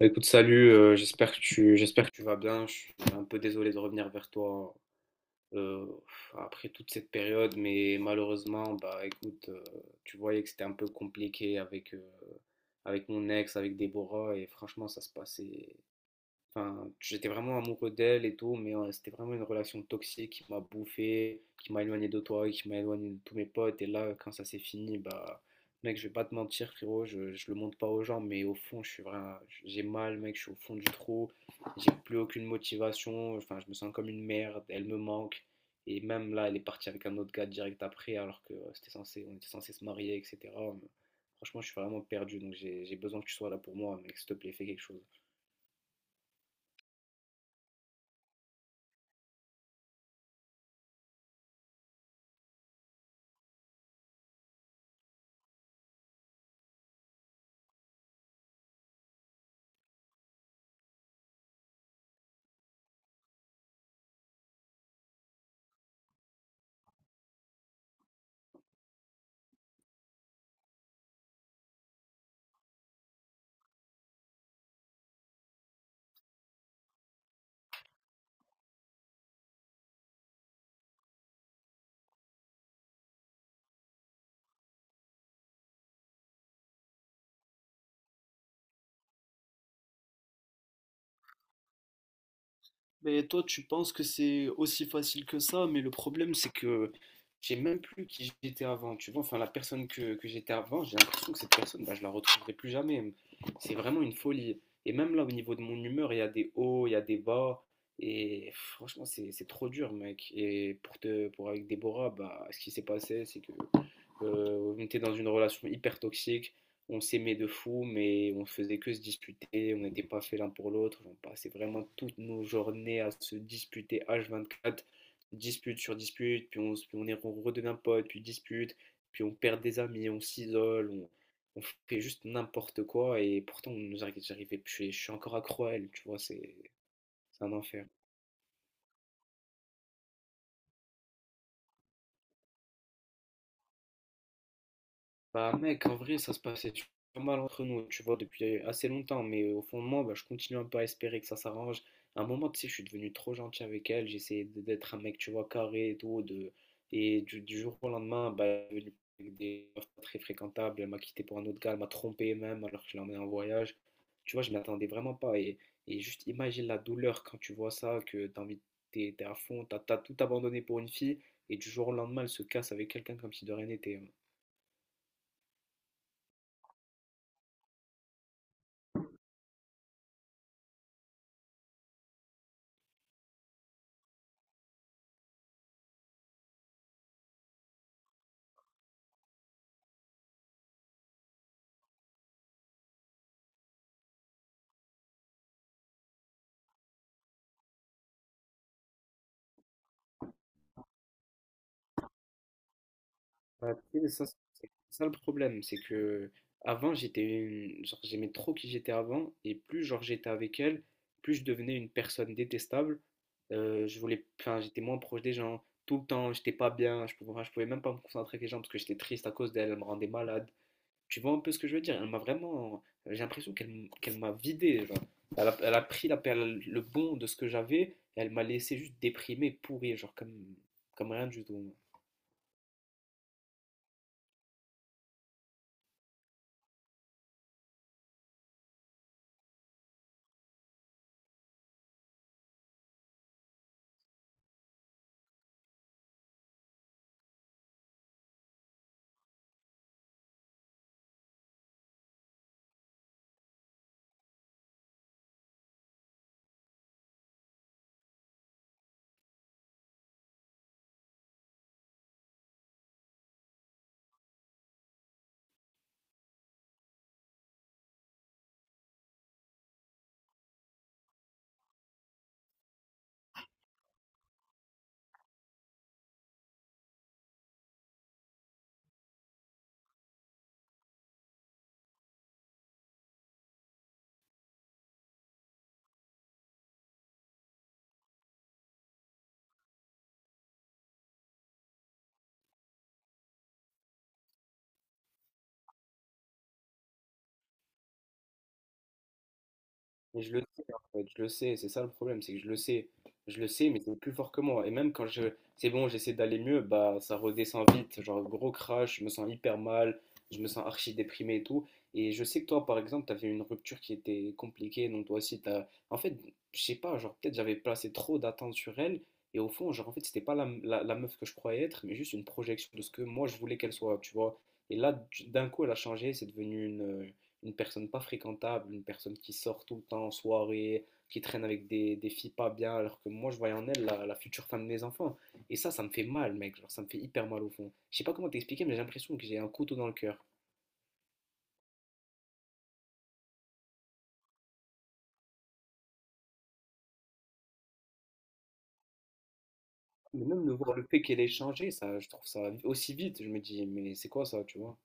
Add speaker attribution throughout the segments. Speaker 1: Salut, j'espère que tu vas bien. Je suis un peu désolé de revenir vers toi euh, après toute cette période, mais malheureusement, écoute, tu voyais que c'était un peu compliqué avec mon ex, avec Déborah, et franchement, ça se passait. Enfin, j'étais vraiment amoureux d'elle et tout, mais c'était vraiment une relation toxique qui m'a bouffé, qui m'a éloigné de toi, qui m'a éloigné de tous mes potes. Et là, quand ça s'est fini, bah, mec, je vais pas te mentir, frérot, je le montre pas aux gens, mais au fond, je suis vraiment, j'ai mal, mec, je suis au fond du trou, j'ai plus aucune motivation, enfin, je me sens comme une merde, elle me manque. Et même là, elle est partie avec un autre gars direct après, alors que c'était censé, on était censé se marier, etc. Franchement, je suis vraiment perdu, donc j'ai besoin que tu sois là pour moi, mec, s'il te plaît, fais quelque chose. Mais toi, tu penses que c'est aussi facile que ça, mais le problème, c'est que je sais même plus qui j'étais avant, tu vois. Enfin, la personne que j'étais avant, j'ai l'impression que cette personne, bah, je la retrouverai plus jamais. C'est vraiment une folie. Et même là, au niveau de mon humeur, il y a des hauts, il y a des bas. Et pff, franchement, c'est trop dur, mec. Et pour avec Déborah, bah, ce qui s'est passé, c'est que on était dans une relation hyper toxique. On s'aimait de fou, mais on faisait que se disputer. On n'était pas fait l'un pour l'autre. On passait vraiment toutes nos journées à se disputer h vingt-quatre, dispute sur dispute, puis on redevient pote, puis dispute, puis on perd des amis, on s'isole, on fait juste n'importe quoi. Et pourtant, on nous arri- j'arrivais, je suis encore accro à elle, tu vois, c'est un enfer. Bah mec, en vrai, ça se passait super mal entre nous, tu vois, depuis assez longtemps, mais au fond de moi, bah, je continue un peu à espérer que ça s'arrange. À un moment, tu sais, je suis devenu trop gentil avec elle, d'être un mec, tu vois, carré et tout, de... et du jour au lendemain, bah, elle est devenue avec des meufs pas très fréquentables, elle m'a quitté pour un autre gars, elle m'a trompé même, alors que je l'ai en voyage. Tu vois, je m'attendais vraiment pas, et juste imagine la douleur quand tu vois ça, que t'as envie, t'es à fond, t'as tout abandonné pour une fille, et du jour au lendemain, elle se casse avec quelqu'un comme si de rien n'était, hein. Ah, tu sais, ça, c'est ça le problème, c'est que avant genre j'aimais trop qui j'étais avant et plus genre j'étais avec elle, plus je devenais une personne détestable. Je voulais, enfin j'étais moins proche des gens tout le temps, j'étais pas bien, je pouvais, enfin, je pouvais même pas me concentrer avec les gens parce que j'étais triste à cause d'elle, elle me rendait malade. Tu vois un peu ce que je veux dire? Elle m'a vraiment, j'ai l'impression qu'elle m'a vidé, genre. Elle a pris le bon de ce que j'avais, et elle m'a laissé juste déprimé, pourri, genre comme rien du tout. Mais je le sais, en fait, je le sais, c'est ça le problème, c'est que je le sais, mais c'est plus fort que moi. Et même c'est bon, j'essaie d'aller mieux, bah ça redescend vite, genre gros crash, je me sens hyper mal, je me sens archi déprimé et tout. Et je sais que toi, par exemple, t'avais une rupture qui était compliquée, donc toi aussi, t'as, en fait, je sais pas, genre peut-être j'avais placé trop d'attentes sur elle, et au fond, genre en fait, c'était pas la meuf que je croyais être, mais juste une projection de ce que moi je voulais qu'elle soit, tu vois. Et là, d'un coup, elle a changé, c'est devenu une personne pas fréquentable, une personne qui sort tout le temps en soirée, qui traîne avec des filles pas bien, alors que moi je voyais en elle la future femme de mes enfants. Et ça me fait mal, mec, genre ça me fait hyper mal au fond. Je sais pas comment t'expliquer, mais j'ai l'impression que j'ai un couteau dans le cœur. Mais même de voir le fait qu'elle ait changé, ça, je trouve ça aussi vite, je me dis, mais c'est quoi ça, tu vois?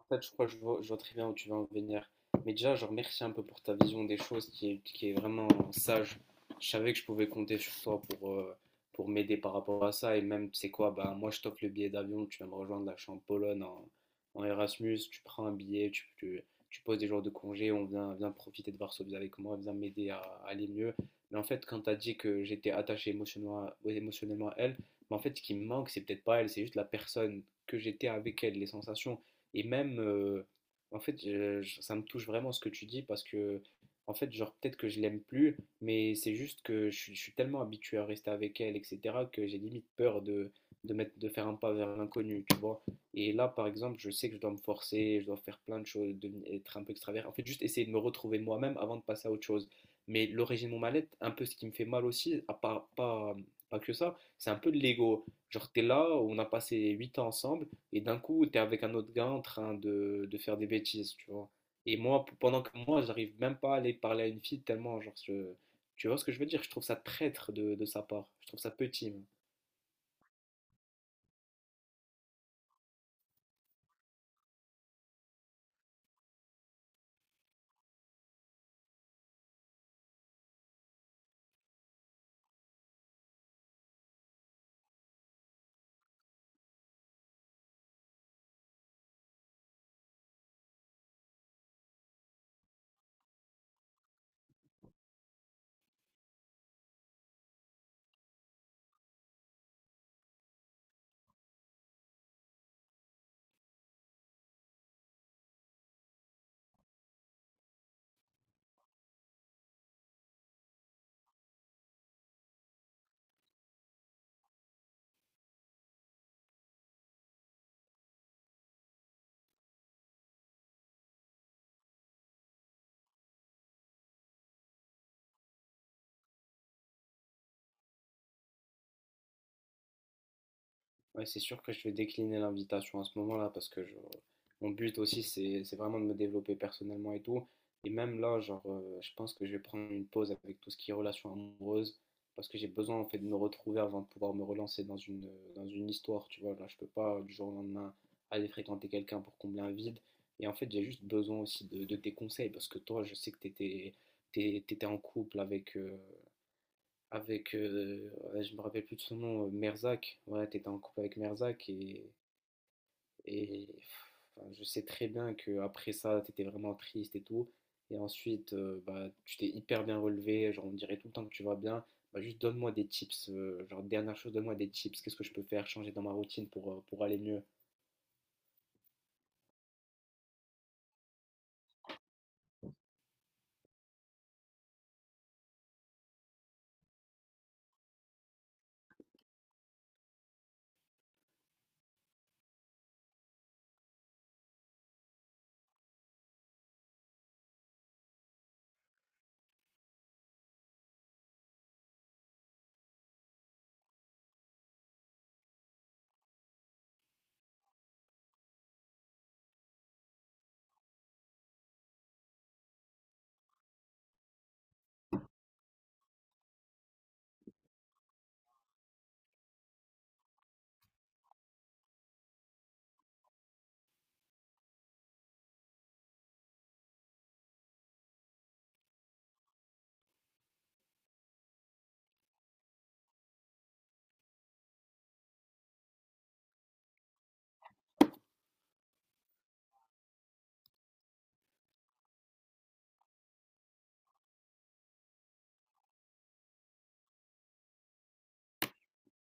Speaker 1: En fait, je crois que je vois très bien où tu vas en venir. Mais déjà, genre, merci un peu pour ta vision des choses qui est vraiment sage. Je savais que je pouvais compter sur toi pour m'aider par rapport à ça. Et même, tu sais quoi, bah, moi, je t'offre le billet d'avion. Tu viens me rejoindre là, je suis en Erasmus. Tu prends un billet, tu poses des jours de congé. On vient profiter de Varsovie avec moi, viens m'aider à aller mieux. Mais en fait, quand tu as dit que j'étais attaché émotionnellement à elle, mais en fait, ce qui me manque, c'est peut-être pas elle, c'est juste la personne que j'étais avec elle, les sensations et même, en fait, ça me touche vraiment ce que tu dis parce que, en fait, genre, peut-être que je l'aime plus, mais c'est juste que je suis tellement habitué à rester avec elle, etc., que j'ai limite peur de, de faire un pas vers l'inconnu, tu vois. Et là, par exemple, je sais que je dois me forcer, je dois faire plein de choses, être un peu extravert. En fait, juste essayer de me retrouver moi-même avant de passer à autre chose. Mais l'origine de mon mal-être, un peu ce qui me fait mal aussi, à part, pas, pas que ça, c'est un peu de l'ego. Genre, t'es là, on a passé 8 ans ensemble. Et d'un coup, tu es avec un autre gars en train de faire des bêtises, tu vois. Et moi, j'arrive même pas à aller parler à une fille tellement, tu vois ce que je veux dire? Je trouve ça traître de sa part. Je trouve ça petit, même. Ouais, c'est sûr que je vais décliner l'invitation à ce moment-là mon but aussi, c'est vraiment de me développer personnellement et tout. Et même là, genre, je pense que je vais prendre une pause avec tout ce qui est relations amoureuses parce que j'ai besoin en fait de me retrouver avant de pouvoir me relancer dans une histoire, tu vois. Là, je peux pas du jour au lendemain aller fréquenter quelqu'un pour combler un vide. Et en fait, j'ai juste besoin aussi de tes conseils parce que toi, je sais t'étais en couple ouais, je me rappelle plus de son nom, Merzak. Ouais, t'étais en couple avec Merzak et pff, enfin, je sais très bien que après ça, t'étais vraiment triste et tout. Et ensuite, bah, tu t'es hyper bien relevé, genre on dirait tout le temps que tu vas bien. Bah, juste donne-moi des tips, genre dernière chose, donne-moi des tips, qu'est-ce que je peux faire, changer dans ma routine pour aller mieux.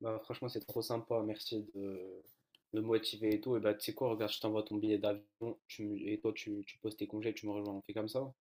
Speaker 1: Bah, franchement, c'est trop sympa, merci de me motiver et tout. Et bah, tu sais quoi, regarde, je t'envoie ton billet d'avion, tu me- et toi, tu poses tes congés, tu me rejoins, on fait comme ça?